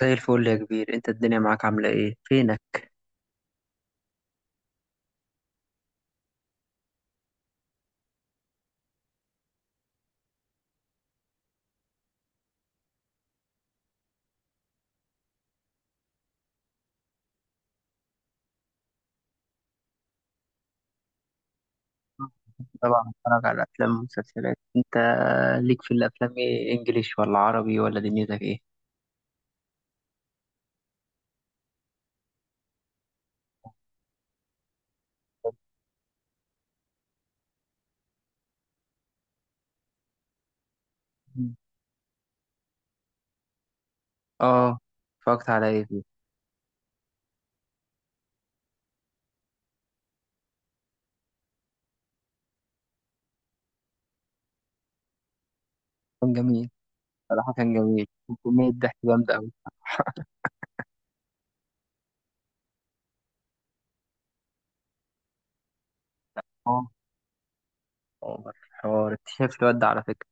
زي الفل يا كبير. انت الدنيا معاك عاملة ايه؟ فينك؟ طبعا بتفرج على افلام ومسلسلات. انت ليك في الافلام ايه، انجليش ولا عربي ولا دنيتك ايه؟ مم. اه، اتفرجت على ايه فيه؟ كان جميل، صراحة كان جميل، وكمية ضحك جامدة اوي. اه، حوار حوار، انت شايف الواد ده على فكرة؟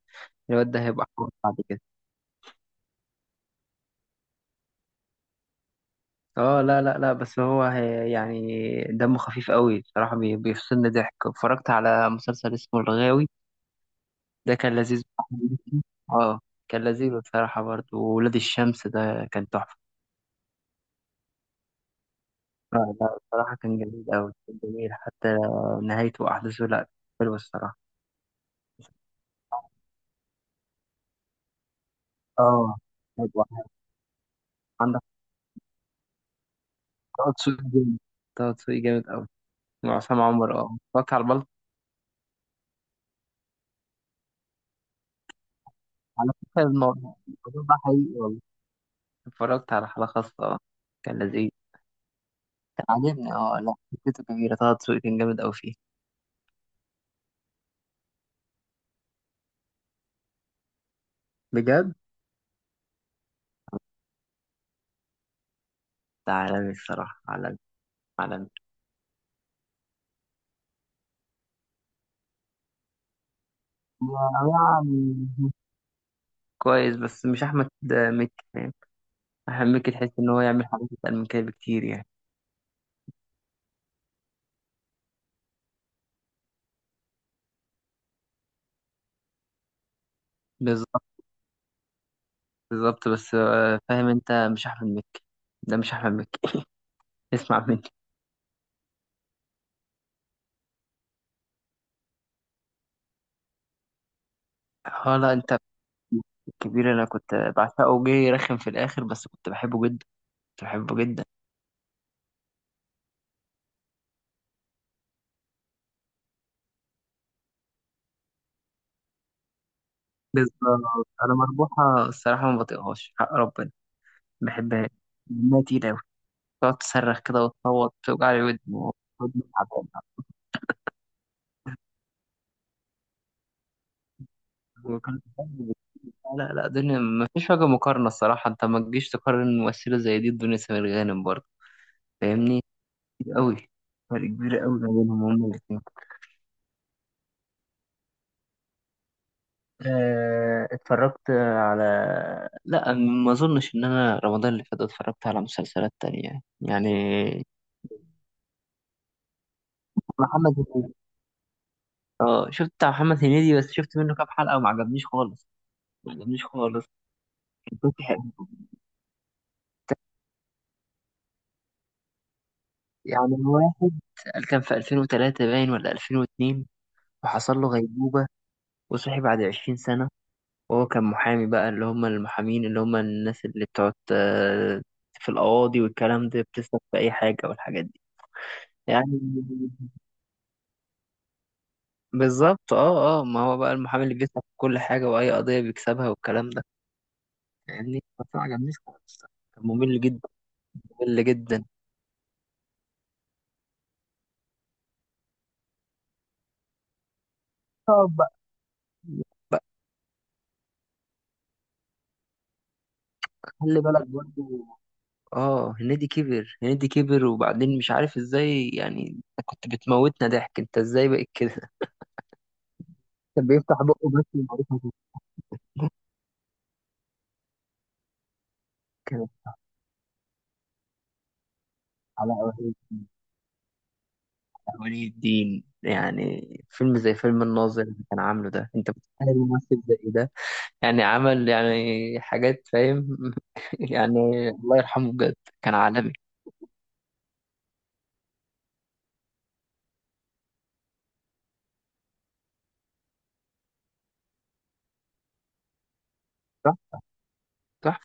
الواد ده هيبقى حوار بعد كده. اه، لا بس هو هي يعني دمه خفيف قوي صراحة، بيفصلني ضحك. اتفرجت على مسلسل اسمه الغاوي، ده كان لذيذ. اه، كان لذيذ بصراحة برضه. وولاد الشمس ده كان تحفة. لا بصراحة كان جميل أوي، كان جميل حتى نهايته وأحداثه. لأ، حلوة الصراحة. اه، حلوة. عندك طه دسوقي جامد، طه دسوقي جامد أوي. وعصام عمر، اه اتفرجت على البلطو. على فكرة الموضوع، ده حقيقي والله. اتفرجت على حلقة خاصة، اه كان لذيذ. كان عاجبني، اه لا فكرته كبيرة. طه دسوقي كان جامد أوي فيه. بجد، ده عالمي الصراحة، عالمي عالمي. يعني كويس بس مش احمد مكي، فاهم؟ احمد مكي تحس ان هو يعمل حاجات اتقل من كده بكتير يعني. بالظبط، بس فاهم؟ انت مش احمد مكي، ده مش احمد مكي. اسمع مني. اه لا، انت الكبير انا كنت بعشقه، جه رخم في الاخر بس كنت بحبه جدا، كنت بحبه جدا. بالظبط، انا مربوحه الصراحه ما بطيقهاش حق ربنا. ما بحبهاش، دمها تقيل قوي. تقعد تصرخ كده وتصوت، توجع لي ودني وودني. تعبانة. لا دنيا ما فيش وجه مقارنة الصراحة. انت ما تجيش تقارن ممثلة زي دي بدنيا سمير غانم برضه، فاهمني؟ كتير قوي، فرق كبير قوي ما بينهم هما الاتنين. اتفرجت على، لا ما اظنش ان انا رمضان اللي فات اتفرجت على مسلسلات تانية يعني. محمد هنيدي، اه شفت بتاع محمد هنيدي بس شفت منه كام حلقة وما عجبنيش خالص، ما عجبنيش خالص. كنت حقيقة. يعني واحد كان في 2003 باين ولا 2002، وحصل له غيبوبة وصحي بعد 20 سنة. وهو كان محامي بقى، اللي هم المحامين اللي هم الناس اللي بتقعد في القواضي والكلام ده، بتسلك في أي حاجة والحاجات دي يعني. بالظبط، اه ما هو بقى المحامي اللي بيسلك في كل حاجة وأي قضية بيكسبها والكلام ده يعني. بس ما عجبنيش خالص، كان ممل جدا، ممل جدا. اه بقى، بقى خلي بالك برضه. اه، هنيدي كبر، هنيدي كبر، وبعدين مش عارف ازاي يعني. انت كنت بتموتنا ضحك، انت ازاي بقيت كده؟ كان بيفتح بقه بس ومعرفش يتكلم. على أوهام، ولي الدين، يعني فيلم زي فيلم الناظر اللي كان عامله ده، انت بتتخيل ممثل زي ده يعني عمل يعني حاجات، فاهم؟ يعني الله يرحمه بجد، كان عالمي. صح، صح.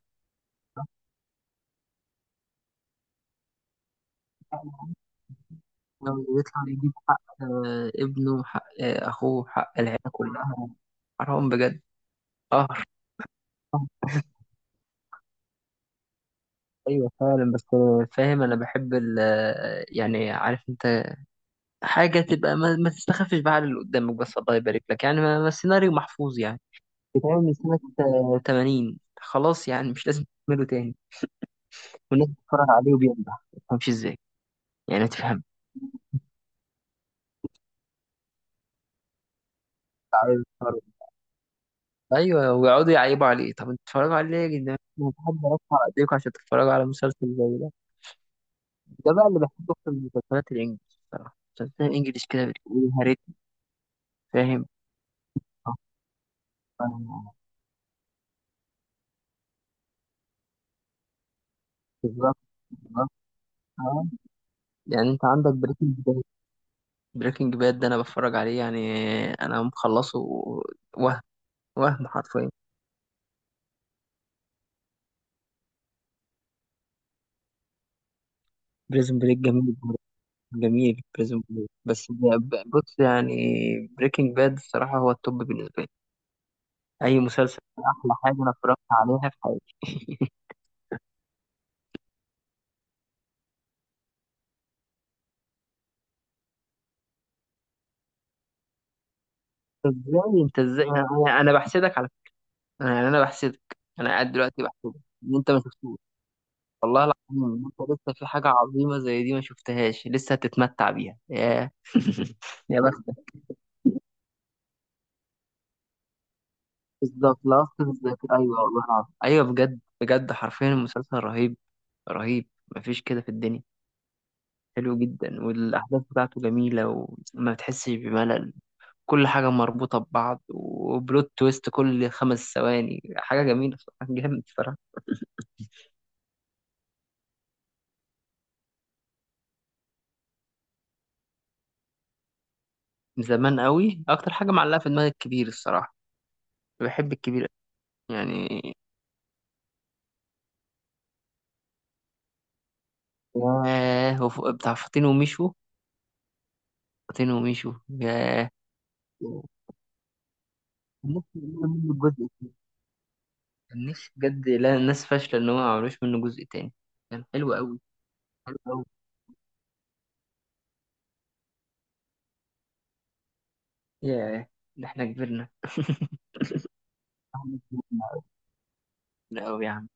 يطلع يجيب حق ابنه، وحق اخوه، وحق العيله كلها. حرام بجد. اه، ايوه فعلا. بس فاهم، انا بحب ال، يعني عارف انت، حاجه تبقى ما تستخفش بقى على اللي قدامك. بس الله يبارك لك يعني، ما السيناريو محفوظ يعني، بيتعمل من سنة 80 خلاص، يعني مش لازم تعمله تاني. والناس بتتفرج عليه وبينجح، ما تفهمش ازاي يعني، ما تفهم. ايوه، ويقعدوا يعيبوا عليه. طب انتوا بتتفرجوا عليه ليه يا جدعان؟ ما في حد رفع ايديكم عشان تتفرجوا على مسلسل زي ده. ده بقى اللي بحبه اكتر من المسلسلات الانجليش. بصراحة المسلسلات الانجليش كده بتقول يا ريت. فاهم، آه، آه، بالظبط، بالظبط. آه. يعني انت عندك بريكنج باد. بريكنج باد ده انا بتفرج عليه يعني، انا مخلصه. وهم وهم حرفيا. بريزون بريك جميل، جميل. بريزون بريك بس بص يعني، بريكنج باد الصراحة هو التوب بالنسبة لي. أي مسلسل، أحلى حاجة أنا اتفرجت عليها في حياتي. أنت إزاي، أنا بحسدك على فكرة. أنا يعني أنا بحسدك، أنا قاعد دلوقتي بحسدك إن أنت ما شفتوش. والله العظيم إن أنت لسه في حاجة عظيمة زي دي ما شفتهاش، لسه هتتمتع بيها. ياه. يا بختك، بالظبط لاست الذاكرة. أيوه والله العظيم، أيوه بجد بجد، حرفيا المسلسل رهيب، رهيب، مفيش كده في الدنيا. حلو جدا، والأحداث بتاعته جميلة، وما بتحسش بملل. كل حاجة مربوطة ببعض، وبلوت تويست كل خمس ثواني حاجة جميلة بصراحة، جامد بصراحة. من زمان قوي، أكتر حاجة معلقة في دماغي الكبير الصراحة، بحب الكبير. يعني ياه، بتاع فاطين وميشو، فاطين وميشو، ياه. كان نفسي يعملوا منه جزء، كان نفسي بجد. لا الناس فاشلة إن هو ما عملوش منه جزء تاني، كان حلو قوي، حلو قوي. ياه، ده احنا كبرنا. أوي يا عم،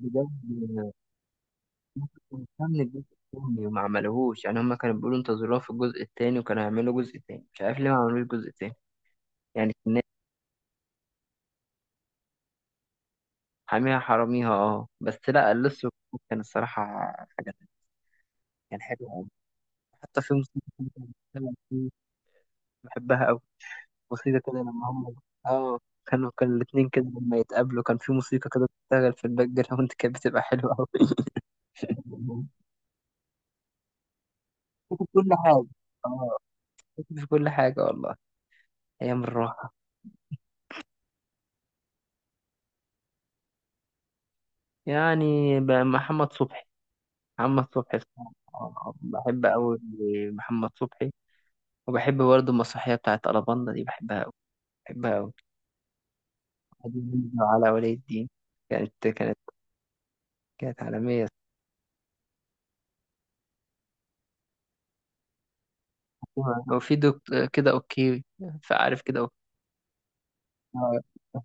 بجد. مهتم الجزء التاني وما عملوهوش. يعني هما كانوا بيقولوا انتظروها في الجزء التاني، وكانوا هيعملوا جزء تاني، مش عارف ليه ما عملوش جزء تاني. يعني كنا، حاميها حراميها اه بس لا لسه. كان الصراحة حاجة تانية. كان حلو أوي، حتى في موسيقى كده كانت بتشتغل فيه، بحبها أوي. موسيقى كده لما هم، اه كانوا، الاتنين كده لما يتقابلوا كان في موسيقى كده بتشتغل في الباك جراوند، كانت بتبقى حلوة أوي. كنت في كل حاجة، اه كنت في كل حاجة والله، أيام الراحة. يعني محمد صبحي، محمد صبحي الصراحة. بحب أوي محمد صبحي. وبحب برضه المسرحية بتاعت ألاباندا دي، بحبها أوي، بحبها أوي. هادي نجم على ولي الدين، كانت كانت عالمية. الصراحة وفي دكتور كده، أوكي فعارف كده أوكي. آه،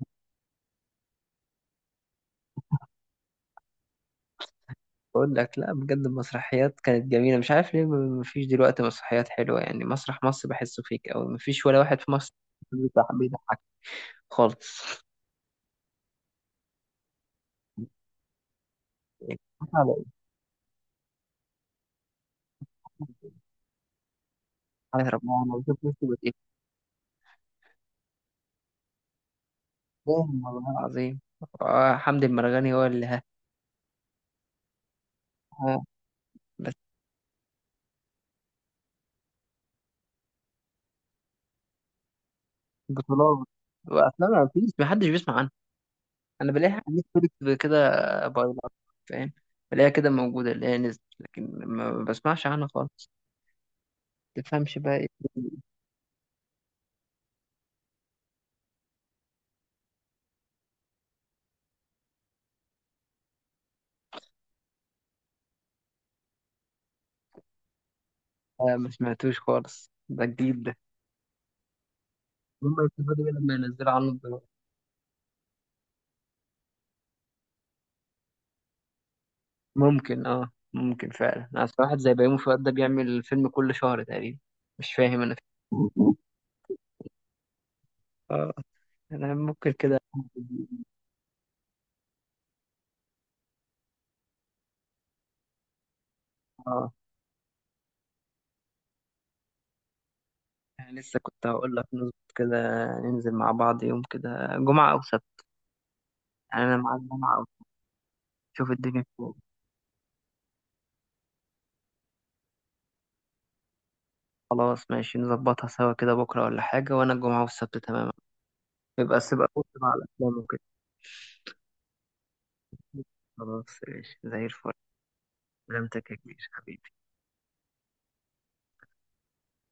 بقول لك لا بجد، المسرحيات كانت جميلة. مش عارف ليه مفيش دلوقتي مسرحيات حلوة. يعني مسرح مصر بحسه فيك أوي، مفيش ولا واحد في مصر بيضحك، خالص. على إيه؟ على ربنا أنا بشوف نفسي بتقفل. بوم والله عظيم. حمدي المرغني هو اللي ها. آه، بس بطولات، وافلام ما فيش محدش بيسمع عنها. انا بلاقيها على نتفليكس كده بايلات، فاهم؟ بلاقيها كده موجوده اللي هي نزلت، لكن ما بسمعش عنها خالص. تفهمش بقى ايه. ما سمعتوش خالص، ده جديد ده. هم يستفادوا ايه لما ينزلوا عنه دلوقتي؟ ممكن، اه ممكن فعلا. انا أصل واحد زي بيومي فؤاد ده بيعمل فيلم كل شهر تقريبا، مش فاهم انا. فيه، اه انا ممكن كده. اه أنا لسه كنت هقول لك نظبط كده، ننزل مع بعض يوم كده جمعة أو سبت. يعني أنا معاك جمعة أو سبت، شوف الدنيا فيه. خلاص ماشي، نظبطها سوا كده بكرة ولا حاجة. وأنا الجمعة والسبت تماما. يبقى السبت بص مع الأفلام وكده. خلاص ماشي، زي الفل. سلامتك يا كبير حبيبي.